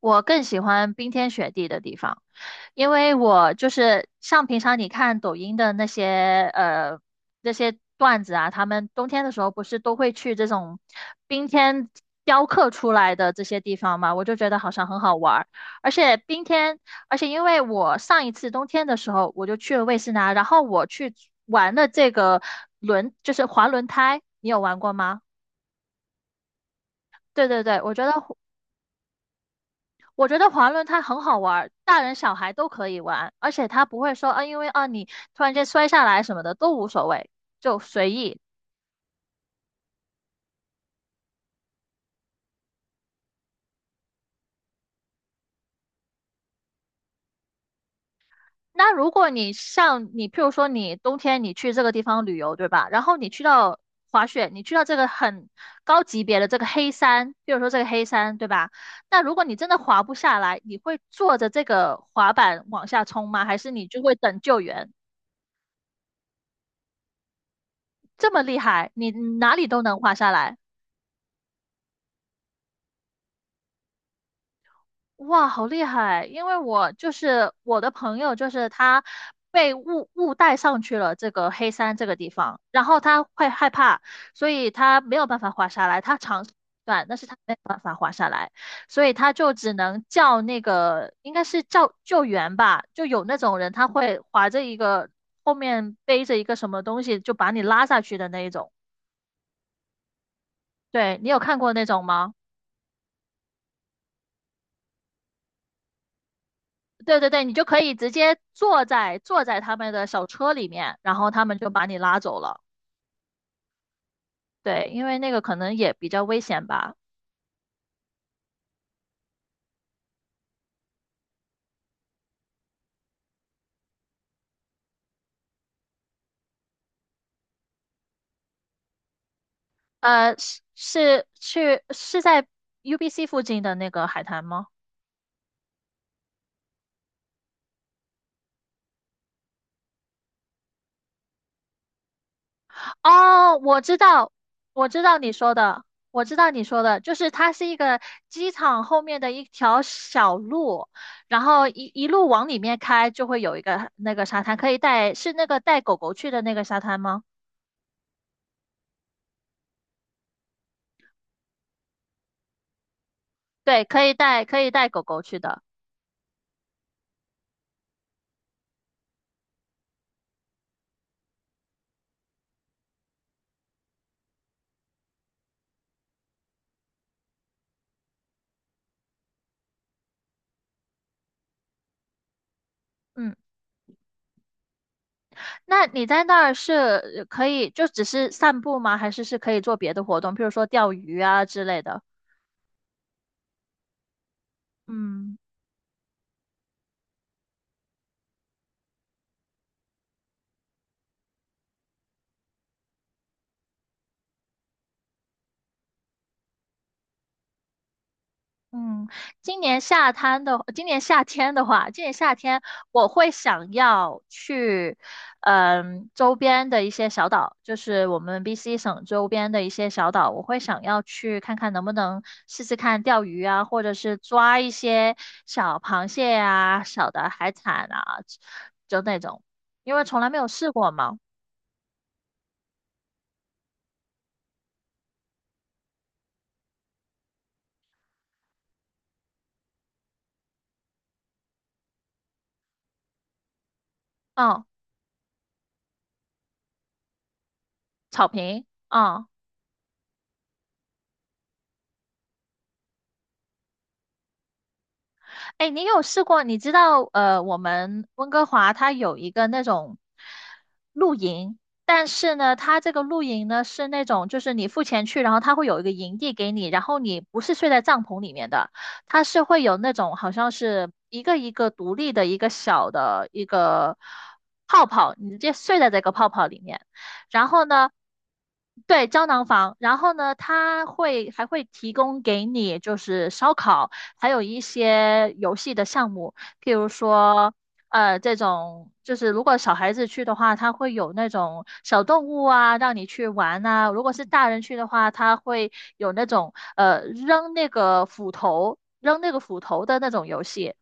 我更喜欢冰天雪地的地方，因为我就是像平常你看抖音的那些那些段子啊，他们冬天的时候不是都会去这种冰天雕刻出来的这些地方嘛，我就觉得好像很好玩儿。而且冰天，而且因为我上一次冬天的时候我就去了魏斯拿，然后我去玩的这个轮，就是滑轮胎，你有玩过吗？对对对，我觉得滑轮它很好玩儿，大人小孩都可以玩，而且它不会说啊，因为啊你突然间摔下来什么的都无所谓，就随意。那如果你像你，譬如说你冬天你去这个地方旅游，对吧？然后你去到滑雪，你去到这个很高级别的这个黑山，譬如说这个黑山，对吧？那如果你真的滑不下来，你会坐着这个滑板往下冲吗？还是你就会等救援？这么厉害，你哪里都能滑下来？哇，好厉害！因为我就是我的朋友，就是他被误带上去了这个黑山这个地方，然后他会害怕，所以他没有办法滑下来。他长试断但是他没有办法滑下来，所以他就只能叫那个应该是叫救援吧，就有那种人他会划着一个后面背着一个什么东西就把你拉下去的那一种。对，你有看过那种吗？对对对，你就可以直接坐在他们的小车里面，然后他们就把你拉走了。对，因为那个可能也比较危险吧。是是去是在 UBC 附近的那个海滩吗？哦，我知道，我知道你说的，就是它是一个机场后面的一条小路，然后一路往里面开，就会有一个那个沙滩，可以带，是那个带狗狗去的那个沙滩吗？对，可以带，可以带狗狗去的。嗯，那你在那儿是可以就只是散步吗？还是是可以做别的活动，譬如说钓鱼啊之类的？嗯。嗯，今年夏天我会想要去，嗯，周边的一些小岛，就是我们 BC 省周边的一些小岛，我会想要去看看能不能试试看钓鱼啊，或者是抓一些小螃蟹啊、小的海产啊，就那种，因为从来没有试过嘛。嗯，草坪，嗯。哎，你有试过？你知道，我们温哥华它有一个那种露营，但是呢，它这个露营呢是那种，就是你付钱去，然后它会有一个营地给你，然后你不是睡在帐篷里面的，它是会有那种好像是一个一个独立的一个小的一个泡泡，你直接睡在这个泡泡里面，然后呢。对，胶囊房，然后呢，它会还会提供给你就是烧烤，还有一些游戏的项目，譬如说，这种就是如果小孩子去的话，他会有那种小动物啊，让你去玩啊；如果是大人去的话，他会有那种扔那个斧头的那种游戏。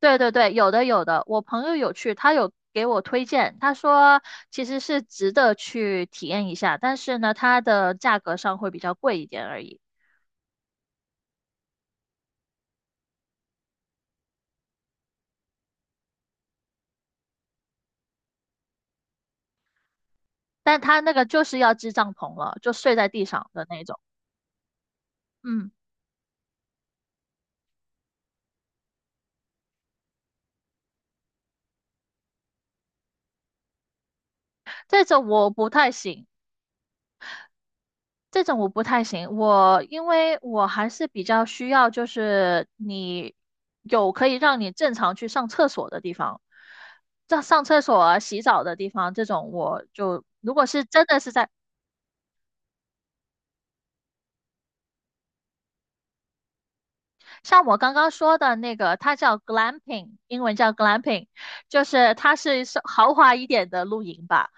对对对，有的有的，我朋友有去，他有给我推荐，他说其实是值得去体验一下，但是呢，它的价格上会比较贵一点而已。但他那个就是要支帐篷了，就睡在地上的那种。嗯，这种我不太行，这种我不太行。我因为我还是比较需要，就是你有可以让你正常去上厕所的地方，上厕所啊、洗澡的地方，这种我就如果是真的是在像我刚刚说的那个，它叫 glamping,英文叫 glamping,就是它是豪华一点的露营吧。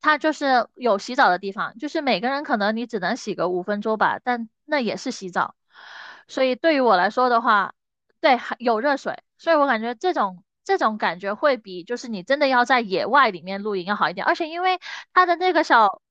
它就是有洗澡的地方，就是每个人可能你只能洗个5分钟吧，但那也是洗澡。所以对于我来说的话，对，还有热水，所以我感觉这种感觉会比就是你真的要在野外里面露营要好一点，而且因为它的那个小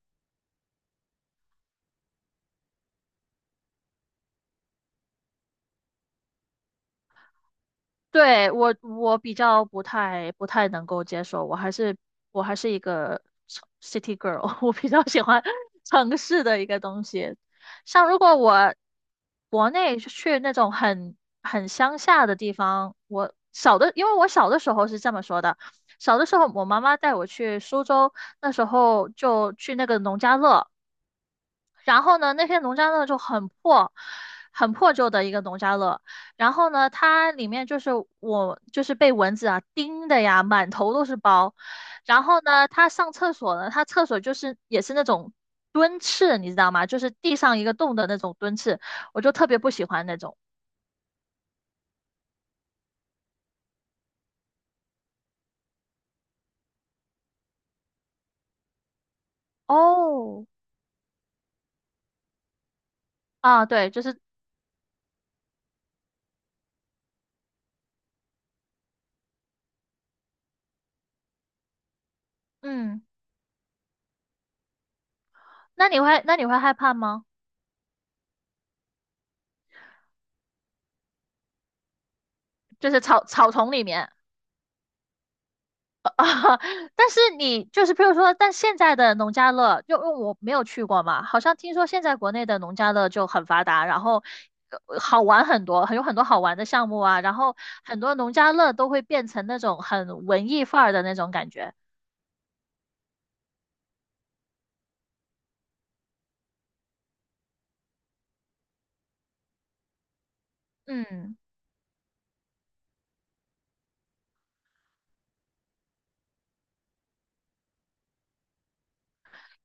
对，我我比较不太能够接受，我还是我还是一个城 city girl,我比较喜欢 城市的一个东西。像如果我国内去那种很乡下的地方，我小的，因为我小的时候是这么说的，小的时候我妈妈带我去苏州，那时候就去那个农家乐。然后呢，那篇农家乐就很破，很破旧的一个农家乐。然后呢，它里面就是我就是被蚊子啊叮的呀，满头都是包。然后呢，他上厕所呢，他厕所就是也是那种蹲厕，你知道吗？就是地上一个洞的那种蹲厕，我就特别不喜欢那种。哦，啊，对，就是嗯，那你会害怕吗？就是草丛里面。啊，但是你就是，比如说，但现在的农家乐，就因为我没有去过嘛，好像听说现在国内的农家乐就很发达，然后好玩很多，有很多好玩的项目啊，然后很多农家乐都会变成那种很文艺范儿的那种感觉。嗯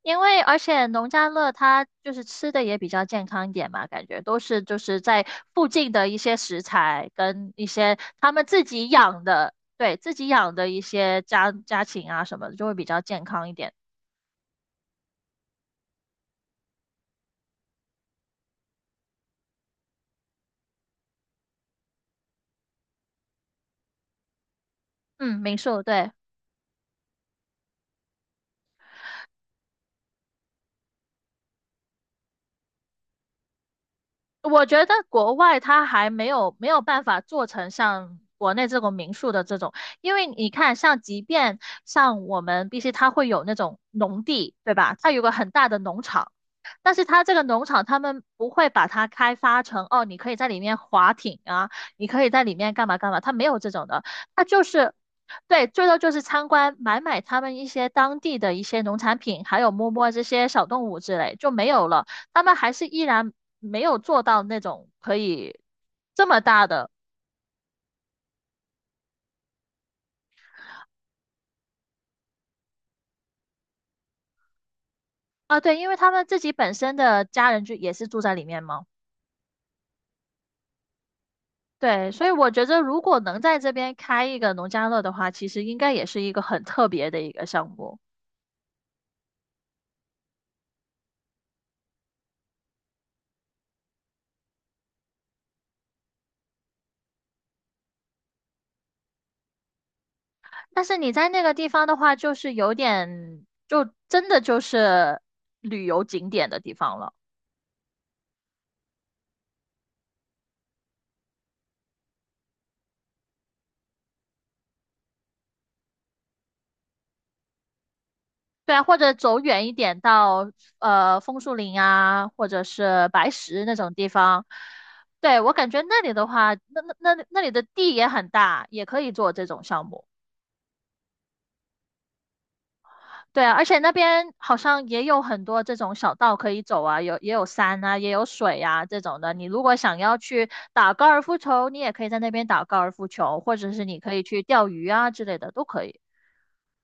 因为而且农家乐它就是吃的也比较健康一点嘛，感觉都是就是在附近的一些食材跟一些他们自己养的，对，自己养的一些家禽啊什么的，就会比较健康一点。嗯，民宿，对，我觉得国外它还没有办法做成像国内这种民宿的这种，因为你看，像即便像我们必须它会有那种农地，对吧？它有个很大的农场。但是它这个农场，他们不会把它开发成哦，你可以在里面划艇啊，你可以在里面干嘛干嘛，它没有这种的，它就是对，最多就是参观买他们一些当地的一些农产品，还有摸摸这些小动物之类就没有了。他们还是依然没有做到那种可以这么大的啊，对，因为他们自己本身的家人就也是住在里面嘛。对，所以我觉得如果能在这边开一个农家乐的话，其实应该也是一个很特别的一个项目。但是你在那个地方的话，就是有点，就真的就是旅游景点的地方了。对啊，或者走远一点到枫树林啊，或者是白石那种地方。对，我感觉那里的话，那里的地也很大，也可以做这种项目。对啊，而且那边好像也有很多这种小道可以走啊，有也有山啊，也有水啊这种的。你如果想要去打高尔夫球，你也可以在那边打高尔夫球，或者是你可以去钓鱼啊之类的，都可以。